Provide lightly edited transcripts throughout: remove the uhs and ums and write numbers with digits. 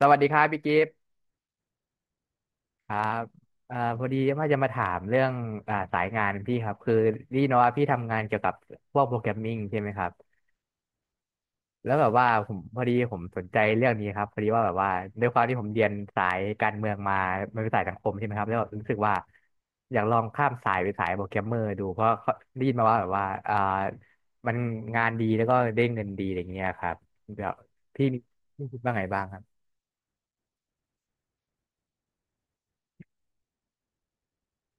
สวัสดีครับพี่กิฟต์ครับพอดีว่าจะมาถามเรื่องสายงานพี่ครับคือนี่เนาะว่าพี่ทำงานเกี่ยวกับพวกโปรแกรมมิ่งใช่ไหมครับแล้วแบบว่าผมพอดีผมสนใจเรื่องนี้ครับพอดีว่าแบบว่าด้วยความที่ผมเรียนสายการเมืองมามันเป็นสายสังคมใช่ไหมครับแล้วแบบรู้สึกว่าอยากลองข้ามสายไปสายโปรแกรมเมอร์ดูเพราะเขาได้ยินมาว่าแบบว่ามันงานดีแล้วก็ได้เงินดีอะไรเงี้ยครับแบบพี่มีพี่คิดว่าไงบ้างครับ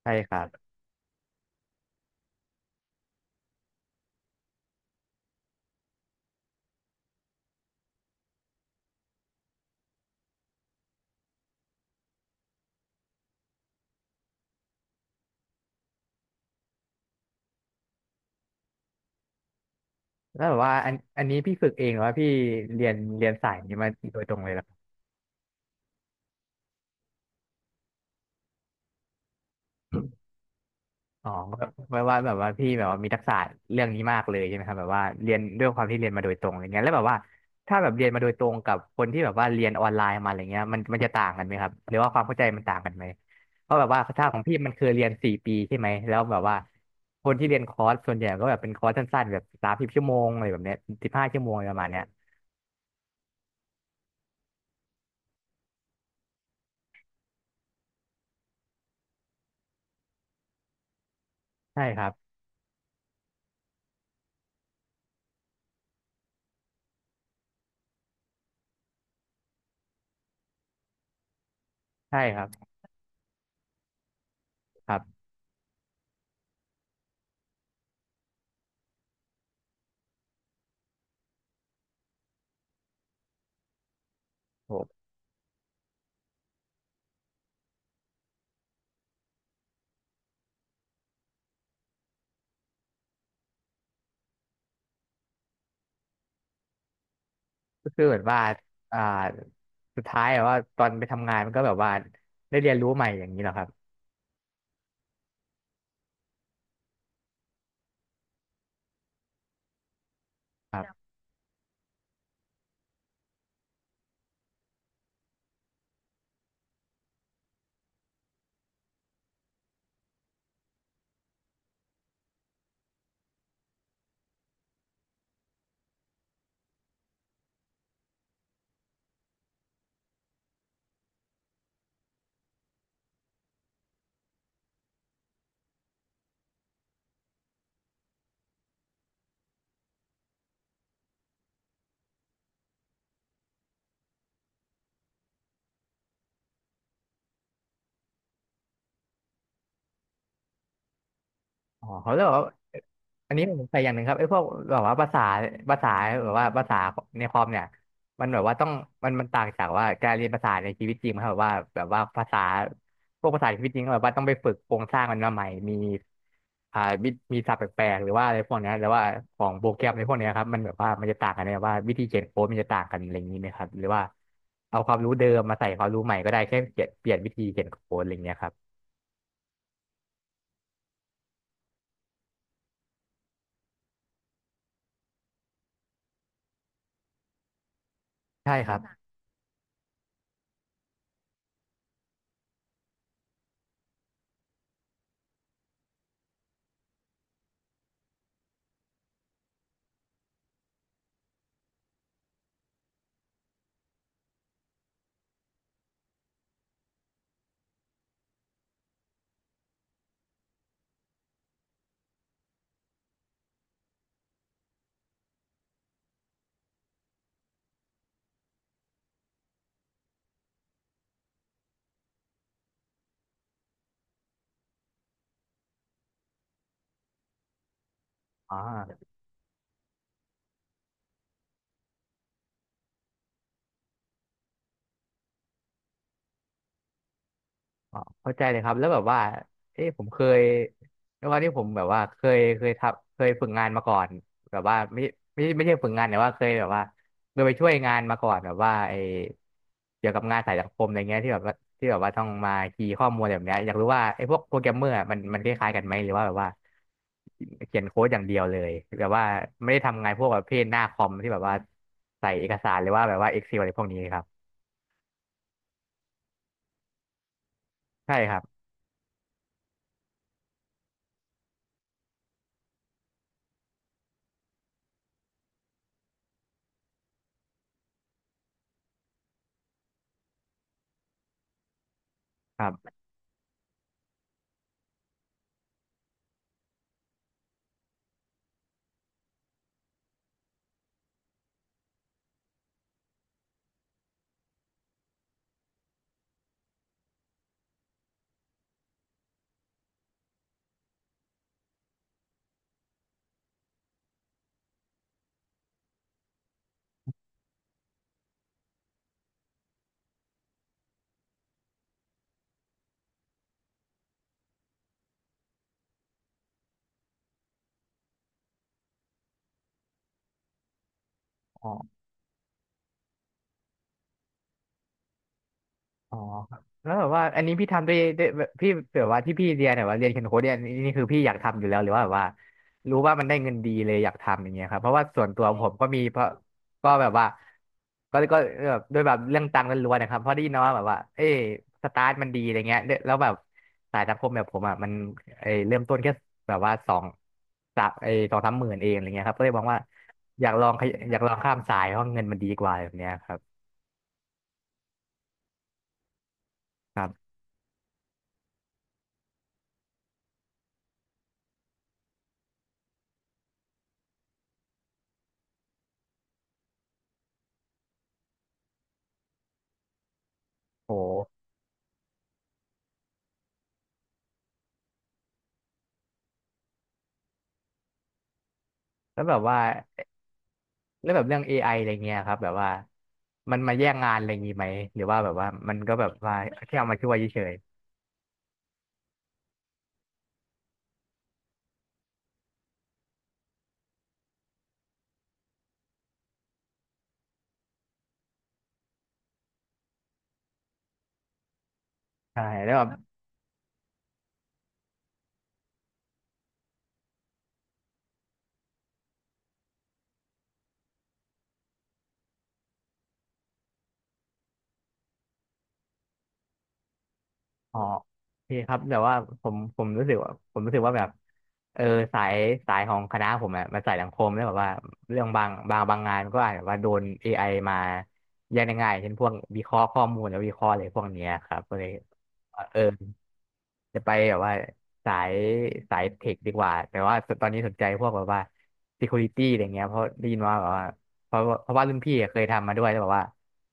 ใช่ครับ แล้วแบบว่าอันนี้พี่ฝึกเองหรือว่าพี่เรียนสายนี้มาโดยตรงเลยเหรอครับอ๋อแบบว่าพี่แบบว่ามีทักษะเรื่องนี้มากเลยใช่ไหมครับแบบว่าเรียนด้วยความที่เรียนมาโดยตรงอย่างเงี้ยแล้วแบบว่าถ้าแบบเรียนมาโดยตรงกับคนที่แบบว่าเรียนออนไลน์มาอะไรเงี้ยมันจะต่างกันไหมครับหรือว่าความเข้าใจมันต่างกันไหมเพราะแบบว่าถ้าของพี่มันคือเรียน4 ปีใช่ไหมแล้วแบบว่าคนที่เรียนคอร์สส่วนใหญ่ก็แบบเป็นคอร์สสั้นๆแบบ30 ชั่วโมงอะไรแบบเนี้ย15 ชั่วโมงอะไรประมาณเนี้ยใช่ครับใช่ครับครับโห ก็คือเหมือนว่าอ่าสุดท้ายแบบว่าตอนไปทำงานมันก็แบบว่าได้เรียนรู้ใหม่อย่างนี้เหรอครับ อ๋อเขาเรบอกว่าอันนี้ผมใส่อย่างหนึ่งครับไอ้พวกแบบว่าภาษาภาษาแบบว่าภาษาในคอมเนี่ยมันแบบว่าต้องมันต่างจากว่าการเรียนภาษาในชีวิตจริงครับแบบว่าภาษาพวกภาษาในชีวิตจริงก็แบบว่าต้องไปฝึกโครงสร้างมันมาใหม่มีอ่าวิมีศัพท์แปลกๆหรือว่าอะไรพวกเนี้ยหรือว่าของโปรแกรมในพวกเนี้ยครับมันแบบว่ามันจะต่างกันไหมว่าวิธีเขียนโค้ดมันจะต่างกันอะไรอย่างนี้ไหมครับหรือว่าเอาความรู้เดิมมาใส่ความรู้ใหม่ก็ได้แค่เปลี่ยนวิธีเขียนโค้ดอะไรอย่างเงี้ยครับใช่ครับอ๋อ อ๋อเข้าใจเลยครับแล้วแบบว่าผมเคยด้วยความที่ผมแบบว่าเคยทำเคยฝึกงานมาก่อนแบบว่าไม่ใช่ฝึกงานแต่ว่าเคยแบบว่าเคยไปช่วยงานมาก่อนแบบว่าไอเกี่ยวกับงานสายสังคมอะไรเงี้ยที่แบบว่าที่แบบว่าต้องมาคีย์ข้อมูลอะไรแบบเนี้ยอยากรู้ว่าไอพวกโปรแกรมเมอร์อะมันคล้ายๆกันไหมหรือว่าแบบว่าเขียนโค้ดอย่างเดียวเลยแบบว่าไม่ได้ทำงานพวกประเภทหน้าคอมที่แบบว่าใส่เอกสารหรือว่าแบบว่า Excel อะไรพวกนี้ครับใช่ครับครับ อ๋อแล้วแบบว่าอันนี้พี่ทำด้วยด้วยแบบพี่แบบว่าที่พี่เรียนเนี่ยว่าเรียนเขียนโค้ดเนี่ยนี่คือพี่อยากทำอยู่แล้วหรือว่าแบบว่ารู้ว่ามันได้เงินดีเลยอยากทำอย่างเงี้ยครับเพราะว่าส่วนตัวผมก็มีเพราะก็แบบว่าก็แบบด้วยแบบเรื่องตังค์ล้วนๆนะครับเพราะได้ยินมาว่าแบบว่าเอ้ยสตาร์ทมันดีอะไรเงี้ยแล้วแบบสายสังคมแบบผมอ่ะมันเอ้ยเริ่มต้นแค่แบบว่าสองสามหมื่นเองอะไรเงี้ยครับก็เลยมองว่าอยากลองข้ามสายเพราะเงินมันดีกว่าแบบเนี้ยครับครับโหแล้วแบบว่า แล้วแบบเรื่อง AI อะไรเงี้ยครับแบบว่ามันมาแย่งงานอะไรงี้ไหมหรือว่าแบบว่ามันก็แบบว่าแค่เอามาช่วยเฉยๆใช่แล้วแบบ อ๋อโอเคครับแบบว่าผมรู้สึกว่าแบบเออสายสายของคณะผมอะมันสายสังคมแล้วแบบว่าเรื่องบางงานก็อาจจะว่าโดน AI มาแย่งได้ง่ายเช่นพวกวิเคราะห์ข้อมูลแล้ววิเคราะห์อะไรพวกเนี้ยครับก็เลยเออจะไปแบบว่าสายสายเทคดีกว่าแต่ว่าตอนนี้สนใจพวกแบบว่า security อะไรเงี้ยเพราะได้ยินว่าแบบว่าเพราะว่ารุ่นพี่อะเคยทำมาด้วยแล้วแบบว่า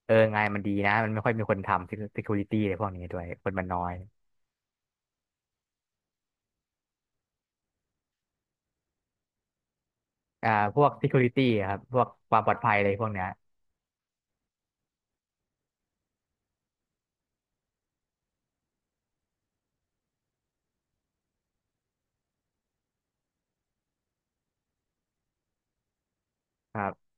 งานมันดีนะมันไม่ค่อยมีคนทำ security อะไรพวกนี้ด้วยคนมันน้อย อ่าพวก security ครับพวกความปลอดภัยอะไรพวกเนี้ยครับ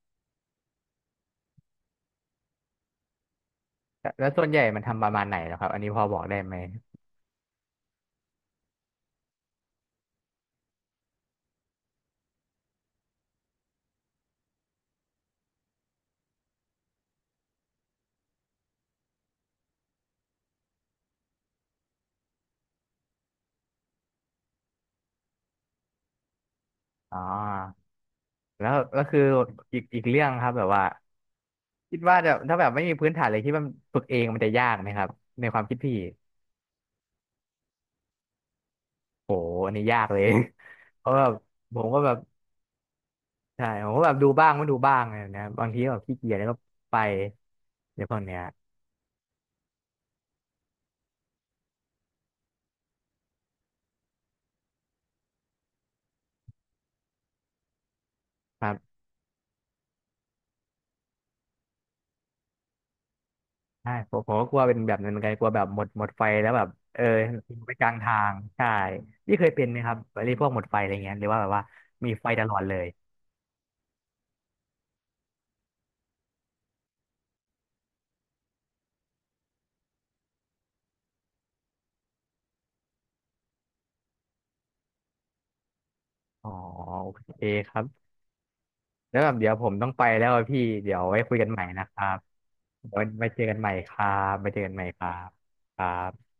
แล้วส่วนใหญ่มันทำประมาณไหนเหรอครับอันนี้พอบอกได้ไหมอ๋อแล้วคืออีกเรื่องครับแบบว่าคิดว่าจะถ้าแบบไม่มีพื้นฐานเลยคิดว่ามันฝึกเองมันจะยากไหมครับในความคิดพี่โหอันนี้ยากเลย เพราะแบบผมก็แบบใช่ผมก็แบบดูบ้างไม่ดูบ้างอะไรแบบเนะบางทีก็แบบขี้เกียจแล้วก็ไปเดี๋ยวพวกเนี้ยครับ ใช่ผมก็กลัวเป็นแบบนั้นเหมือนกันกลัวแบบหมดไฟแล้วแบบเออทิ้งไปกลางทางใช่พี่เคยเป็นไหมครับอะไรพวกหมดไฟอะไรเงี้ยหรือว่าแบบว่ามีไฟตลอดเลยอ๋อโอเคครับแล้วแบบเดี๋ยวผมต้องไปแล้วอะพี่เดี๋ยวไว้คุยกันใหม่นะครับไว้เจอกันใหม่ครับไว้เจอกันใหม่ครับครับ